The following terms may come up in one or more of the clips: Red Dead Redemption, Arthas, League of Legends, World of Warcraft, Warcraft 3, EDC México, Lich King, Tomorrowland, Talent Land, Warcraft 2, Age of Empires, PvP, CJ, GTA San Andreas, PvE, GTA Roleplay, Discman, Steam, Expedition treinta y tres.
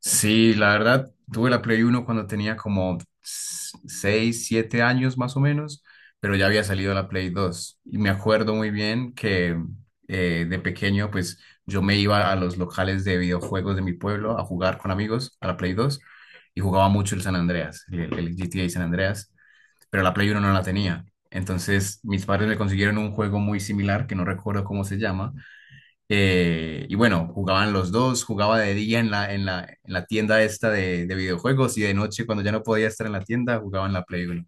Sí, la verdad, tuve la Play Uno cuando tenía como 6 7 años más o menos, pero ya había salido la Play Dos. Y me acuerdo muy bien que de pequeño, pues yo me iba a los locales de videojuegos de mi pueblo a jugar con amigos a la Play 2 y jugaba mucho el San Andreas, el GTA San Andreas, pero la Play Uno no la tenía. Entonces mis padres me consiguieron un juego muy similar que no recuerdo cómo se llama, y bueno, jugaban los dos, jugaba de día en la tienda esta de videojuegos y de noche cuando ya no podía estar en la tienda, jugaba en la Play uno.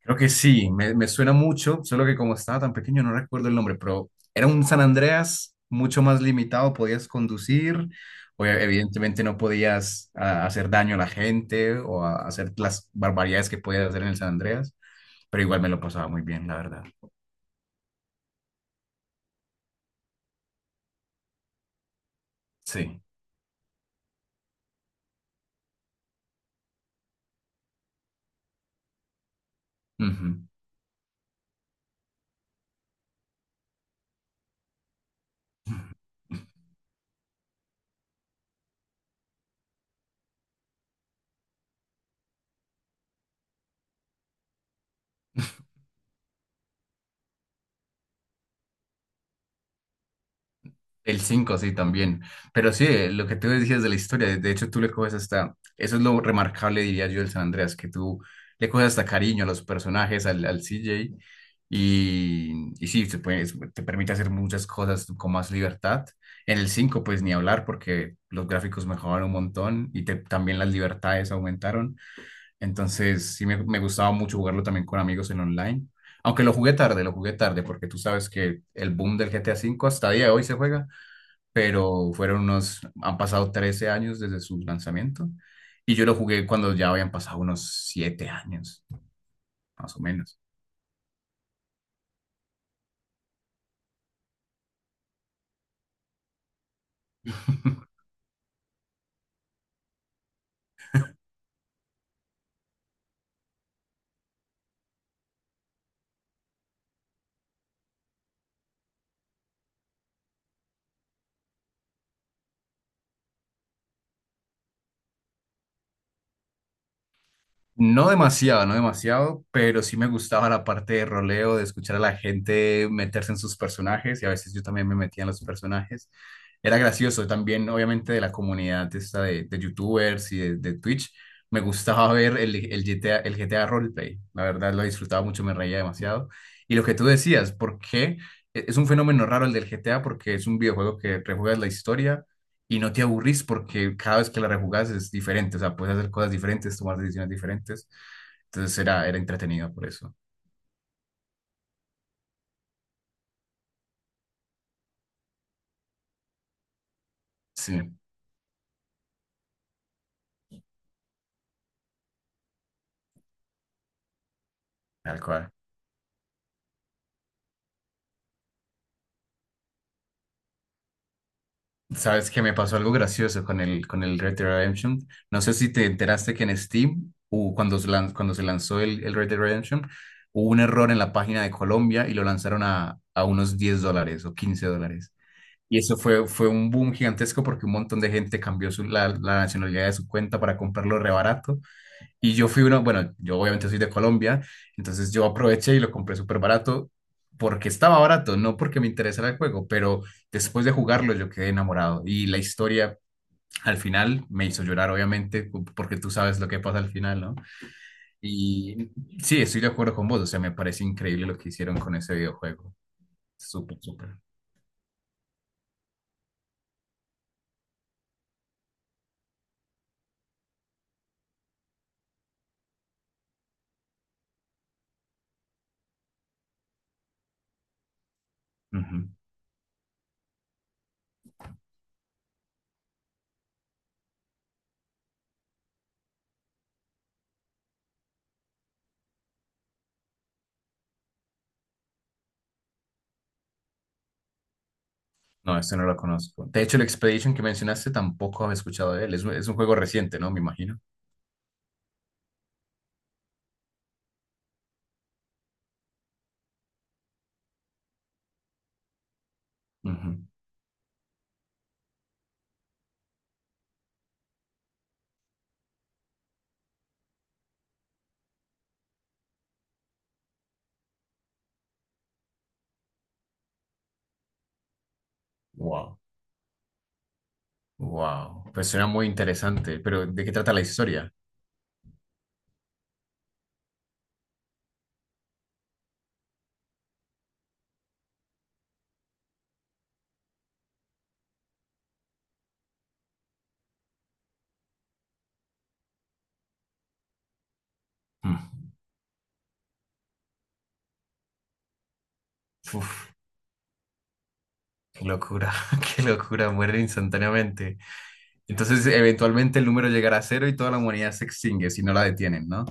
Creo que sí, me suena mucho, solo que como estaba tan pequeño no recuerdo el nombre, pero era un San Andreas mucho más limitado, podías conducir, evidentemente no podías hacer daño a la gente hacer las barbaridades que podías hacer en el San Andreas, pero igual me lo pasaba muy bien, la verdad. Sí. El 5 sí, también. Pero sí, lo que tú decías de la historia, de hecho tú le coges hasta, eso es lo remarcable, diría yo, del San Andreas, que tú le coges hasta cariño a los personajes, al CJ, y sí, te permite hacer muchas cosas con más libertad. En el 5 pues ni hablar, porque los gráficos mejoraron un montón y también las libertades aumentaron. Entonces, sí, me gustaba mucho jugarlo también con amigos en online. Aunque lo jugué tarde, porque tú sabes que el boom del GTA cinco hasta día de hoy se juega, pero fueron unos, han pasado 13 años desde su lanzamiento y yo lo jugué cuando ya habían pasado unos 7 años, más o menos. No demasiado, no demasiado, pero sí me gustaba la parte de roleo, de escuchar a la gente meterse en sus personajes y a veces yo también me metía en los personajes. Era gracioso también, obviamente, de la comunidad esta de YouTubers y de Twitch. Me gustaba ver el GTA, el GTA Roleplay. La verdad lo disfrutaba mucho, me reía demasiado. Y lo que tú decías, ¿por qué? Es un fenómeno raro el del GTA porque es un videojuego que rejuegas la historia y no te aburrís porque cada vez que la rejugás es diferente, o sea, puedes hacer cosas diferentes, tomar decisiones diferentes. Entonces era entretenido por eso. Sí, tal cual. ¿Sabes que me pasó algo gracioso con con el Red Dead Redemption? No sé si te enteraste que en Steam, cuando cuando se lanzó el Red Dead Redemption, hubo un error en la página de Colombia y lo lanzaron a unos 10 dólares o 15 dólares. Y eso fue un boom gigantesco porque un montón de gente cambió la nacionalidad de su cuenta para comprarlo rebarato. Y yo fui uno, bueno, yo obviamente soy de Colombia, entonces yo aproveché y lo compré súper barato porque estaba barato, no porque me interesara el juego, pero después de jugarlo yo quedé enamorado y la historia al final me hizo llorar, obviamente, porque tú sabes lo que pasa al final, ¿no? Y sí, estoy de acuerdo con vos, o sea, me parece increíble lo que hicieron con ese videojuego. Súper, súper. Ujú. No, este no lo conozco. De hecho, el Expedition que mencionaste tampoco había escuchado de él. Es un juego reciente, ¿no? Me imagino. Ujú. Wow. Wow, pues suena muy interesante, pero ¿de qué trata la historia? Mm. Uf, qué locura, qué locura, muere instantáneamente. Entonces, eventualmente el número llegará a cero y toda la humanidad se extingue si no la detienen, ¿no?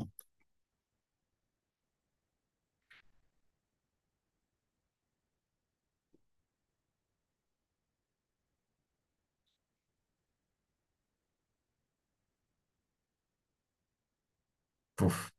Uf.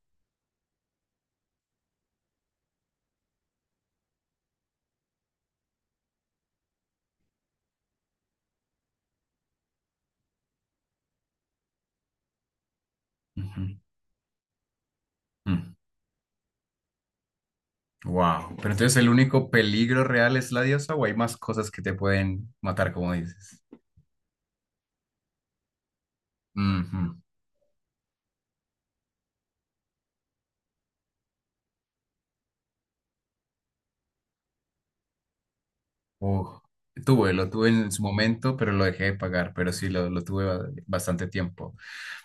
Wow, pero entonces el único peligro real es la diosa o hay más cosas que te pueden matar, como dices. Ujú. Uf, tuve, lo tuve en su momento, pero lo dejé de pagar, pero sí, lo tuve bastante tiempo.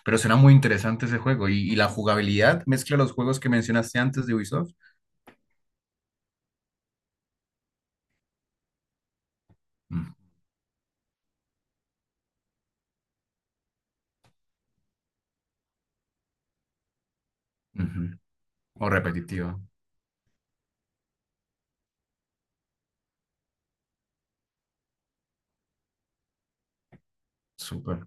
Pero suena muy interesante ese juego y la jugabilidad mezcla los juegos que mencionaste antes de Ubisoft. Mm, ujú. O repetitiva. Súper.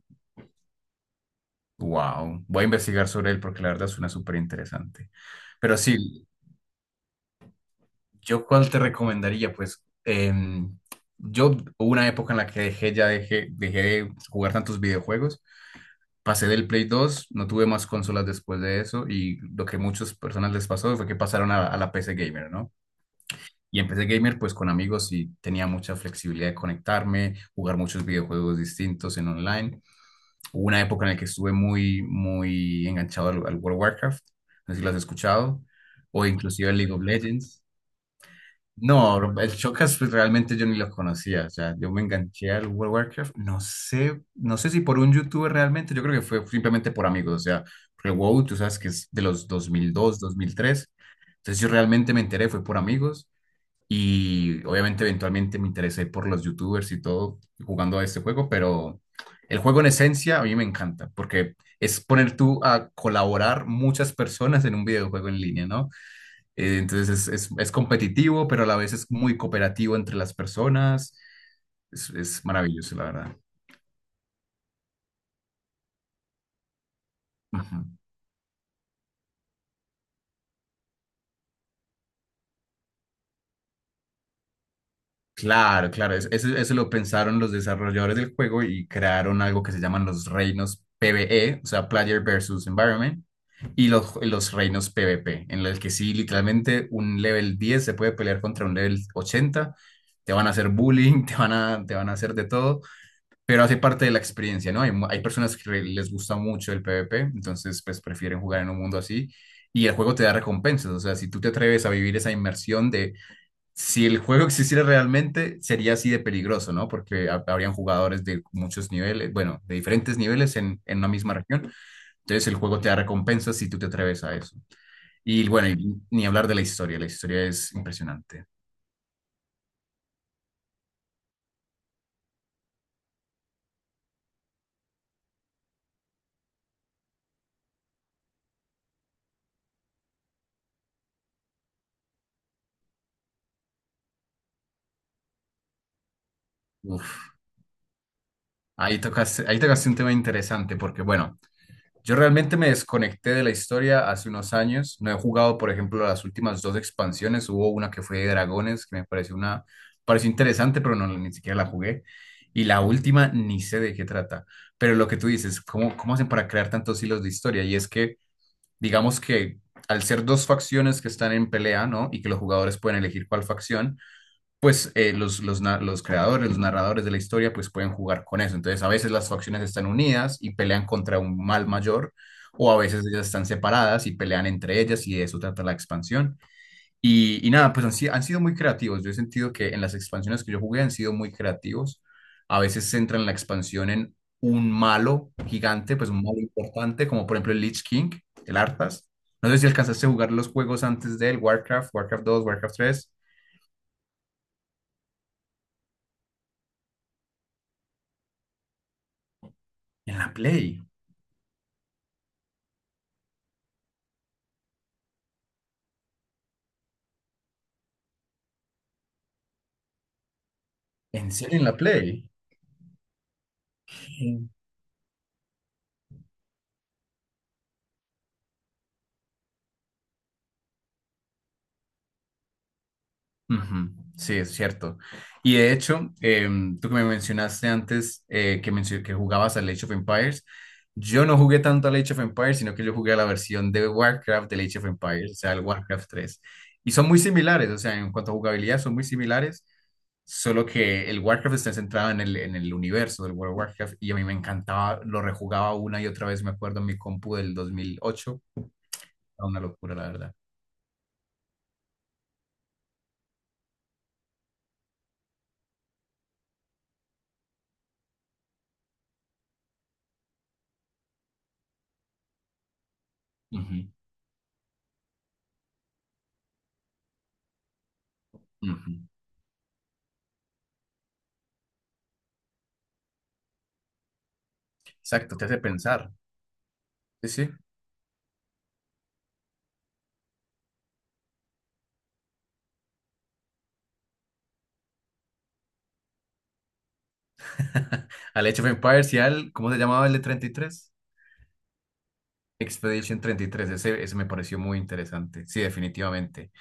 Wow. Voy a investigar sobre él porque la verdad suena súper interesante. Pero sí, ¿yo cuál te recomendaría? Pues yo hubo una época en la que dejé de jugar tantos videojuegos. Pasé del Play 2, no tuve más consolas después de eso y lo que muchas personas les pasó fue que pasaron a la PC Gamer, ¿no? Y en PC Gamer, pues con amigos sí tenía mucha flexibilidad de conectarme, jugar muchos videojuegos distintos en online. Hubo una época en la que estuve muy, muy enganchado al World of Warcraft, no sé si lo has escuchado, o inclusive al League of Legends. No, el Shocas pues, realmente yo ni los conocía, o sea, yo me enganché al World of Warcraft, no sé si por un youtuber realmente, yo creo que fue simplemente por amigos, o sea, porque WoW, tú sabes que es de los 2002, dos mil tres, entonces yo realmente me enteré, fue por amigos, y obviamente eventualmente me interesé por los youtubers y todo jugando a este juego, pero el juego en esencia a mí me encanta, porque es poner tú a colaborar muchas personas en un videojuego en línea, ¿no? Entonces es competitivo, pero a la vez es muy cooperativo entre las personas. Es maravilloso, la verdad. Ujú. Claro, claro, eso, eso lo pensaron los desarrolladores del juego y crearon algo que se llaman los reinos PvE, o sea, Player versus Environment, y los reinos PvP, en los que sí, literalmente un level 10 se puede pelear contra un level 80. Te van a hacer bullying, te van a hacer de todo, pero hace parte de la experiencia, ¿no? Hay personas que les gusta mucho el PvP, entonces pues prefieren jugar en un mundo así y el juego te da recompensas, o sea, si tú te atreves a vivir esa inmersión de si el juego existiera realmente, sería así de peligroso, ¿no? Porque habrían jugadores de muchos niveles, bueno, de diferentes niveles en una misma región, entonces el juego te da recompensas si tú te atreves a eso. Y bueno, y ni hablar de la historia es impresionante. Uf. Ahí tocaste un tema interesante porque, bueno, yo realmente me desconecté de la historia hace unos años. No he jugado, por ejemplo, las últimas dos expansiones. Hubo una que fue de dragones, que me pareció una, pareció interesante, pero no, ni siquiera la jugué. Y la última ni sé de qué trata. Pero lo que tú dices, cómo hacen para crear tantos hilos de historia? Y es que, digamos que al ser dos facciones que están en pelea, ¿no? Y que los jugadores pueden elegir cuál facción, pues los creadores, los narradores de la historia, pues pueden jugar con eso. Entonces, a veces las facciones están unidas y pelean contra un mal mayor, o a veces ellas están separadas y pelean entre ellas y de eso trata la expansión. Y nada, pues han, si- han sido muy creativos. Yo he sentido que en las expansiones que yo jugué han sido muy creativos. A veces centran la expansión en un malo gigante, pues un malo importante, como por ejemplo el Lich King, el Arthas. No sé si alcanzaste a jugar los juegos antes del Warcraft, Warcraft 2, Warcraft 3, en la Play. ¿En serio en la Play? Sí, ujú, sí, es cierto. Y de hecho, tú que me mencionaste antes que jugabas al Age of Empires, yo no jugué tanto al Age of Empires, sino que yo jugué a la versión de Warcraft del Age of Empires, o sea, el Warcraft 3 y son muy similares, o sea, en cuanto a jugabilidad son muy similares, solo que el Warcraft está centrado en en el universo del World of Warcraft y a mí me encantaba, lo rejugaba una y otra vez, me acuerdo en mi compu del 2008, era una locura, la verdad. Ujú, ujú. Exacto, te hace pensar. Sí, sí. Al Age of Empires y al, ¿cómo se llamaba el de 33? Expedition 33. Ese, ese me pareció muy interesante. Sí, definitivamente.